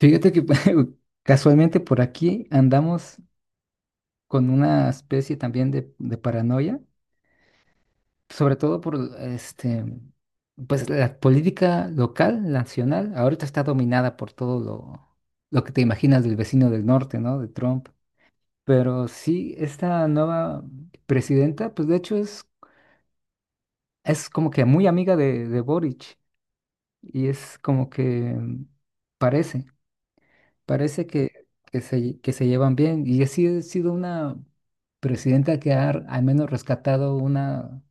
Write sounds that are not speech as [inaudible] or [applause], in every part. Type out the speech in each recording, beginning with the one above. Fíjate que [laughs] casualmente por aquí andamos con una especie también de paranoia, sobre todo por pues la política local, nacional, ahorita está dominada por todo lo que te imaginas del vecino del norte, ¿no? De Trump. Pero sí, esta nueva presidenta, pues de hecho es como que muy amiga de Boric y es como que parece. Parece que se llevan bien, y así ha sido una presidenta que al menos rescatado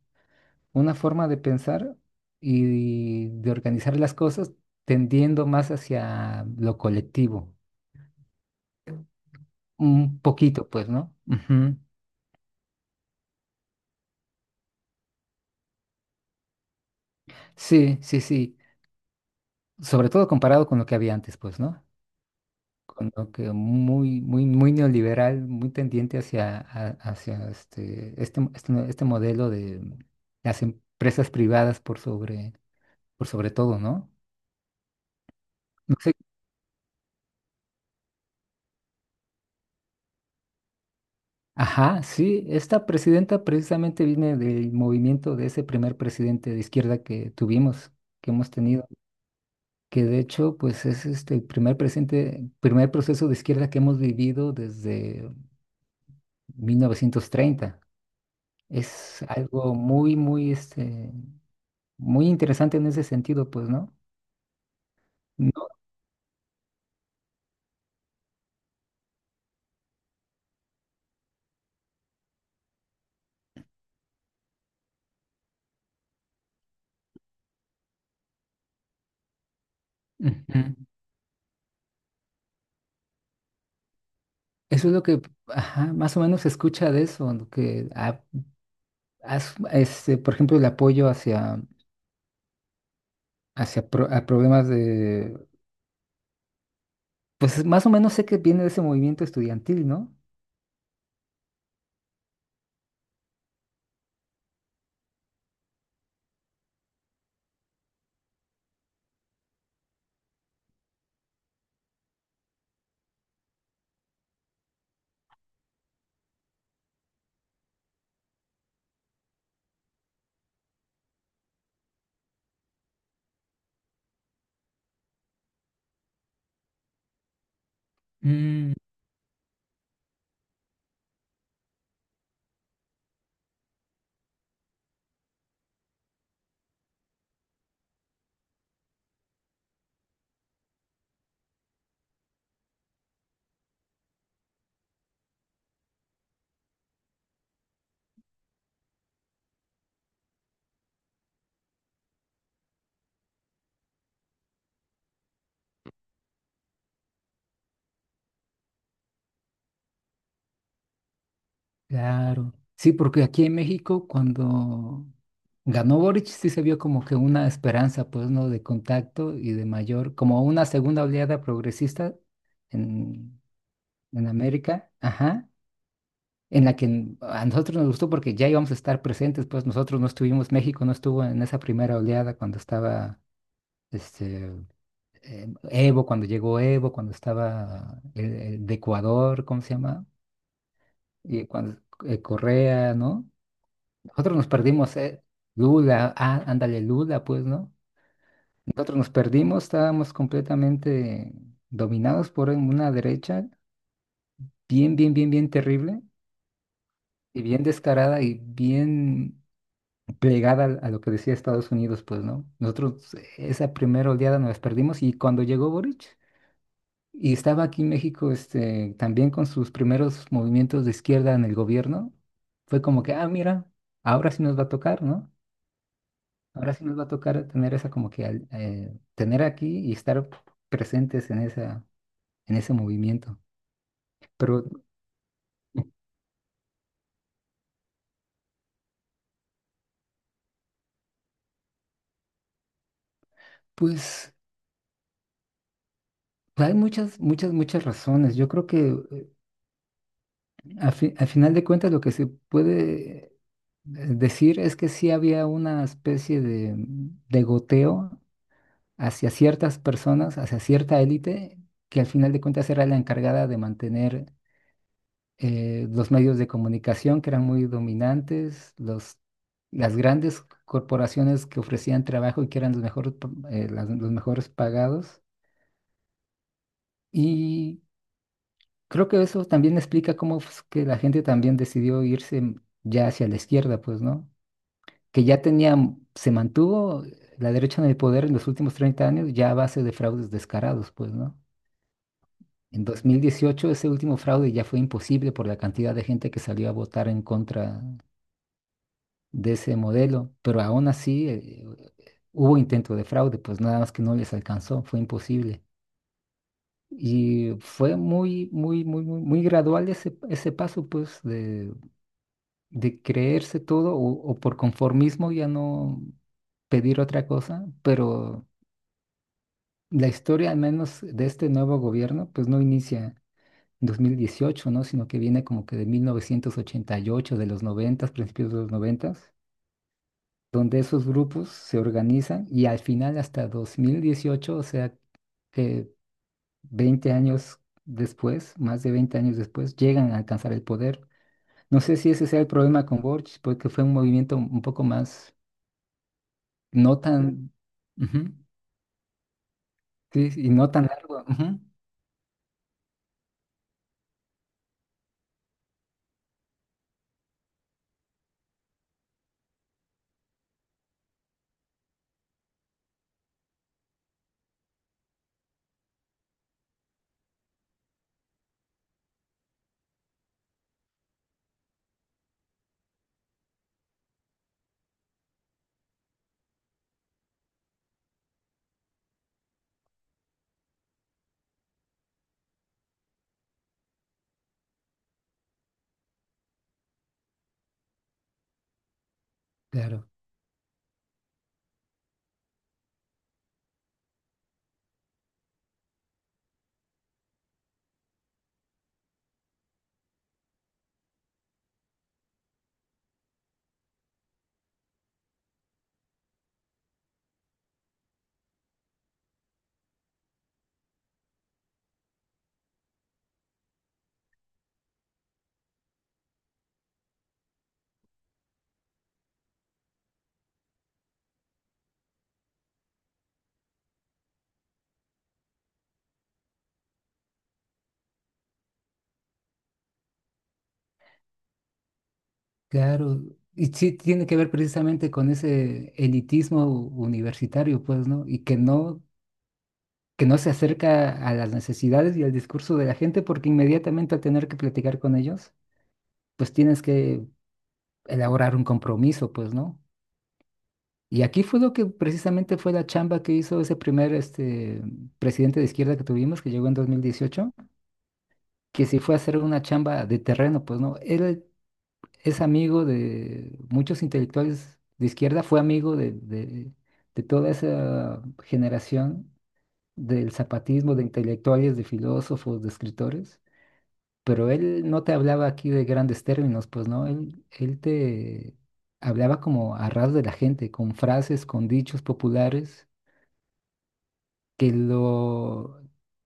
una forma de pensar y de organizar las cosas, tendiendo más hacia lo colectivo, un poquito, pues, ¿no? Ujú. Sí, sí, sí, sobre todo comparado con lo que había antes, pues, ¿no? Con lo que muy, muy, muy neoliberal, muy tendiente hacia este modelo de las empresas privadas por por sobre todo, ¿no? No sé. Ajá, sí, esta presidenta precisamente viene del movimiento de ese primer presidente de izquierda que tuvimos, que hemos tenido, que de hecho, pues es este el primer presidente, primer proceso de izquierda que hemos vivido desde mil novecientos treinta. Es algo muy interesante en ese sentido, pues, ¿no? No. Ujú. Eso es lo ajá, más o menos se escucha de eso, ¿no? que a- as- este, Por ejemplo, el apoyo a problemas de, pues más o menos sé que viene de ese movimiento estudiantil, ¿no? Mm, claro. Sí, porque aquí en México, cuando ganó Boric, sí se vio como que una esperanza, pues, ¿no? De contacto y de mayor, como una segunda oleada progresista en, en América, ajá. En la que a nosotros nos gustó porque ya íbamos a estar presentes, pues nosotros no estuvimos, México no estuvo en esa primera oleada cuando estaba este, Evo, cuando llegó Evo, cuando estaba el de Ecuador, ¿cómo se llama? Y cuando Correa, ¿no? Nosotros nos perdimos, Lula, ah, ándale, Lula, pues, ¿no? Nosotros nos perdimos, estábamos completamente dominados por una derecha bien, bien, bien, bien terrible y bien descarada y bien lo que decía Estados Unidos, pues, ¿no? Nosotros esa primera oleada nos las perdimos, y cuando llegó Boric y estaba aquí en México, este, también con sus primeros movimientos de izquierda en el gobierno, fue como que, ah, mira, ahora sí nos va a tocar, ¿no? Ahora sí nos va a tocar tener esa como que tener aquí y estar presentes en en ese movimiento. Pero, pues, hay muchas, muchas, muchas razones. Yo creo que al final de cuentas, lo que se puede decir es que sí había una especie de goteo hacia ciertas personas, hacia cierta élite, que al final de cuentas era la encargada de mantener los medios de comunicación que eran muy dominantes, los, las grandes corporaciones que ofrecían trabajo y que eran los mejores pagados. Y creo que eso también explica cómo fue que la gente también decidió irse ya hacia la izquierda, pues, ¿no? Que ya tenía, se mantuvo la derecha en el poder en los últimos 30 años ya a base de fraudes descarados, pues, ¿no? En 2018 ese último fraude ya fue imposible por la cantidad de gente que salió a votar en contra de ese modelo, pero aún así hubo intento de fraude, pues nada más que no les alcanzó, fue imposible. Y fue muy, muy, muy, muy, muy gradual ese paso, pues, de creerse todo o por conformismo ya no pedir otra cosa, pero la historia, al menos de este nuevo gobierno, pues no inicia en 2018, ¿no? Sino que viene como que de 1988, de los 90, principios de los 90, donde esos grupos se organizan y al final hasta 2018, o sea, que 20 años después, más de 20 años después, llegan a alcanzar el poder. No sé si ese sea el problema con Borch, porque fue un movimiento un poco más, no tan, ujú, sí, y no tan largo. Ujú, claro. Claro, y sí tiene que ver precisamente con ese elitismo universitario, pues, ¿no? Y que no se acerca a las necesidades y al discurso de la gente, porque inmediatamente al tener que platicar con ellos, pues tienes que elaborar un compromiso, pues, ¿no? Y aquí fue lo que precisamente fue la chamba que hizo ese primer presidente de izquierda que tuvimos, que llegó en 2018, que sí fue a hacer una chamba de terreno, pues, ¿no? Él es amigo de muchos intelectuales de izquierda, fue amigo de toda esa generación del zapatismo, de intelectuales, de filósofos, de escritores, pero él no te hablaba aquí de grandes términos, pues no, él te hablaba como a ras de la gente, con frases, con dichos populares que lo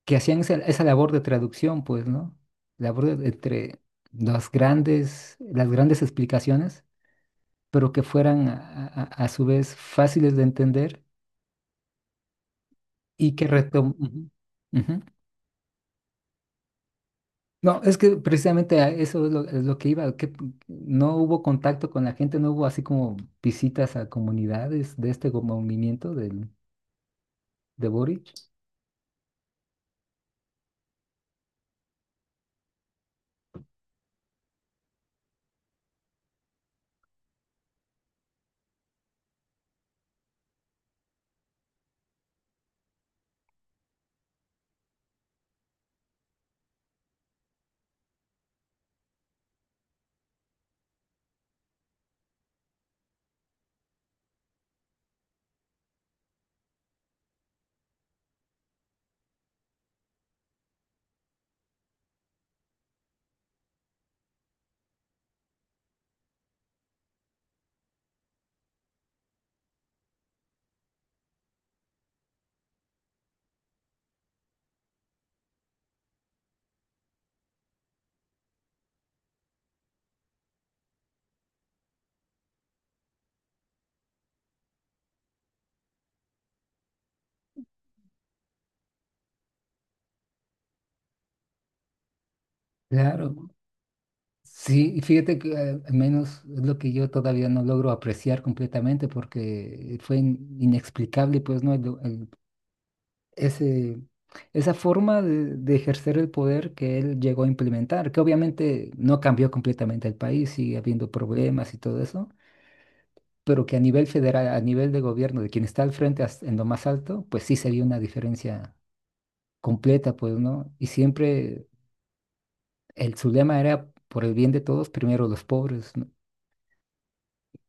que hacían esa, esa labor de traducción, pues, ¿no? Labor de- entre las grandes explicaciones, pero que fueran a su vez fáciles de entender y que retom... Ujú, ujú. No, es que precisamente a eso es es lo que iba, que no hubo contacto con la gente, no hubo así como visitas a comunidades de este movimiento del, de Boric. Claro, sí, y fíjate que al menos es lo que yo todavía no logro apreciar completamente porque fue inexplicable, pues no, ese, esa forma de ejercer el poder que él llegó a implementar, que obviamente no cambió completamente el país, sigue habiendo problemas y todo eso, pero que a nivel federal, a nivel de gobierno, de quien está al frente en lo más alto, pues sí se vio una diferencia completa, pues, ¿no? Y siempre su lema era por el bien de todos, primero los pobres, ¿no?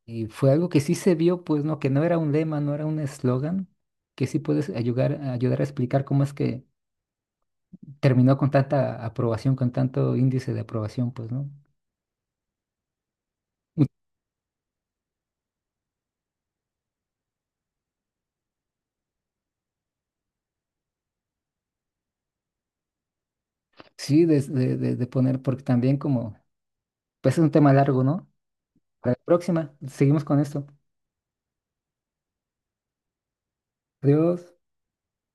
Y fue algo que sí se vio, pues, ¿no? Que no era un lema, no era un eslogan, que sí puedes ayudar, ayudar a explicar cómo es que terminó con tanta aprobación, con tanto índice de aprobación, pues, ¿no? Mm. Sí, de poner, porque también como, pues es un tema largo, ¿no? Para la próxima, seguimos con esto. Adiós.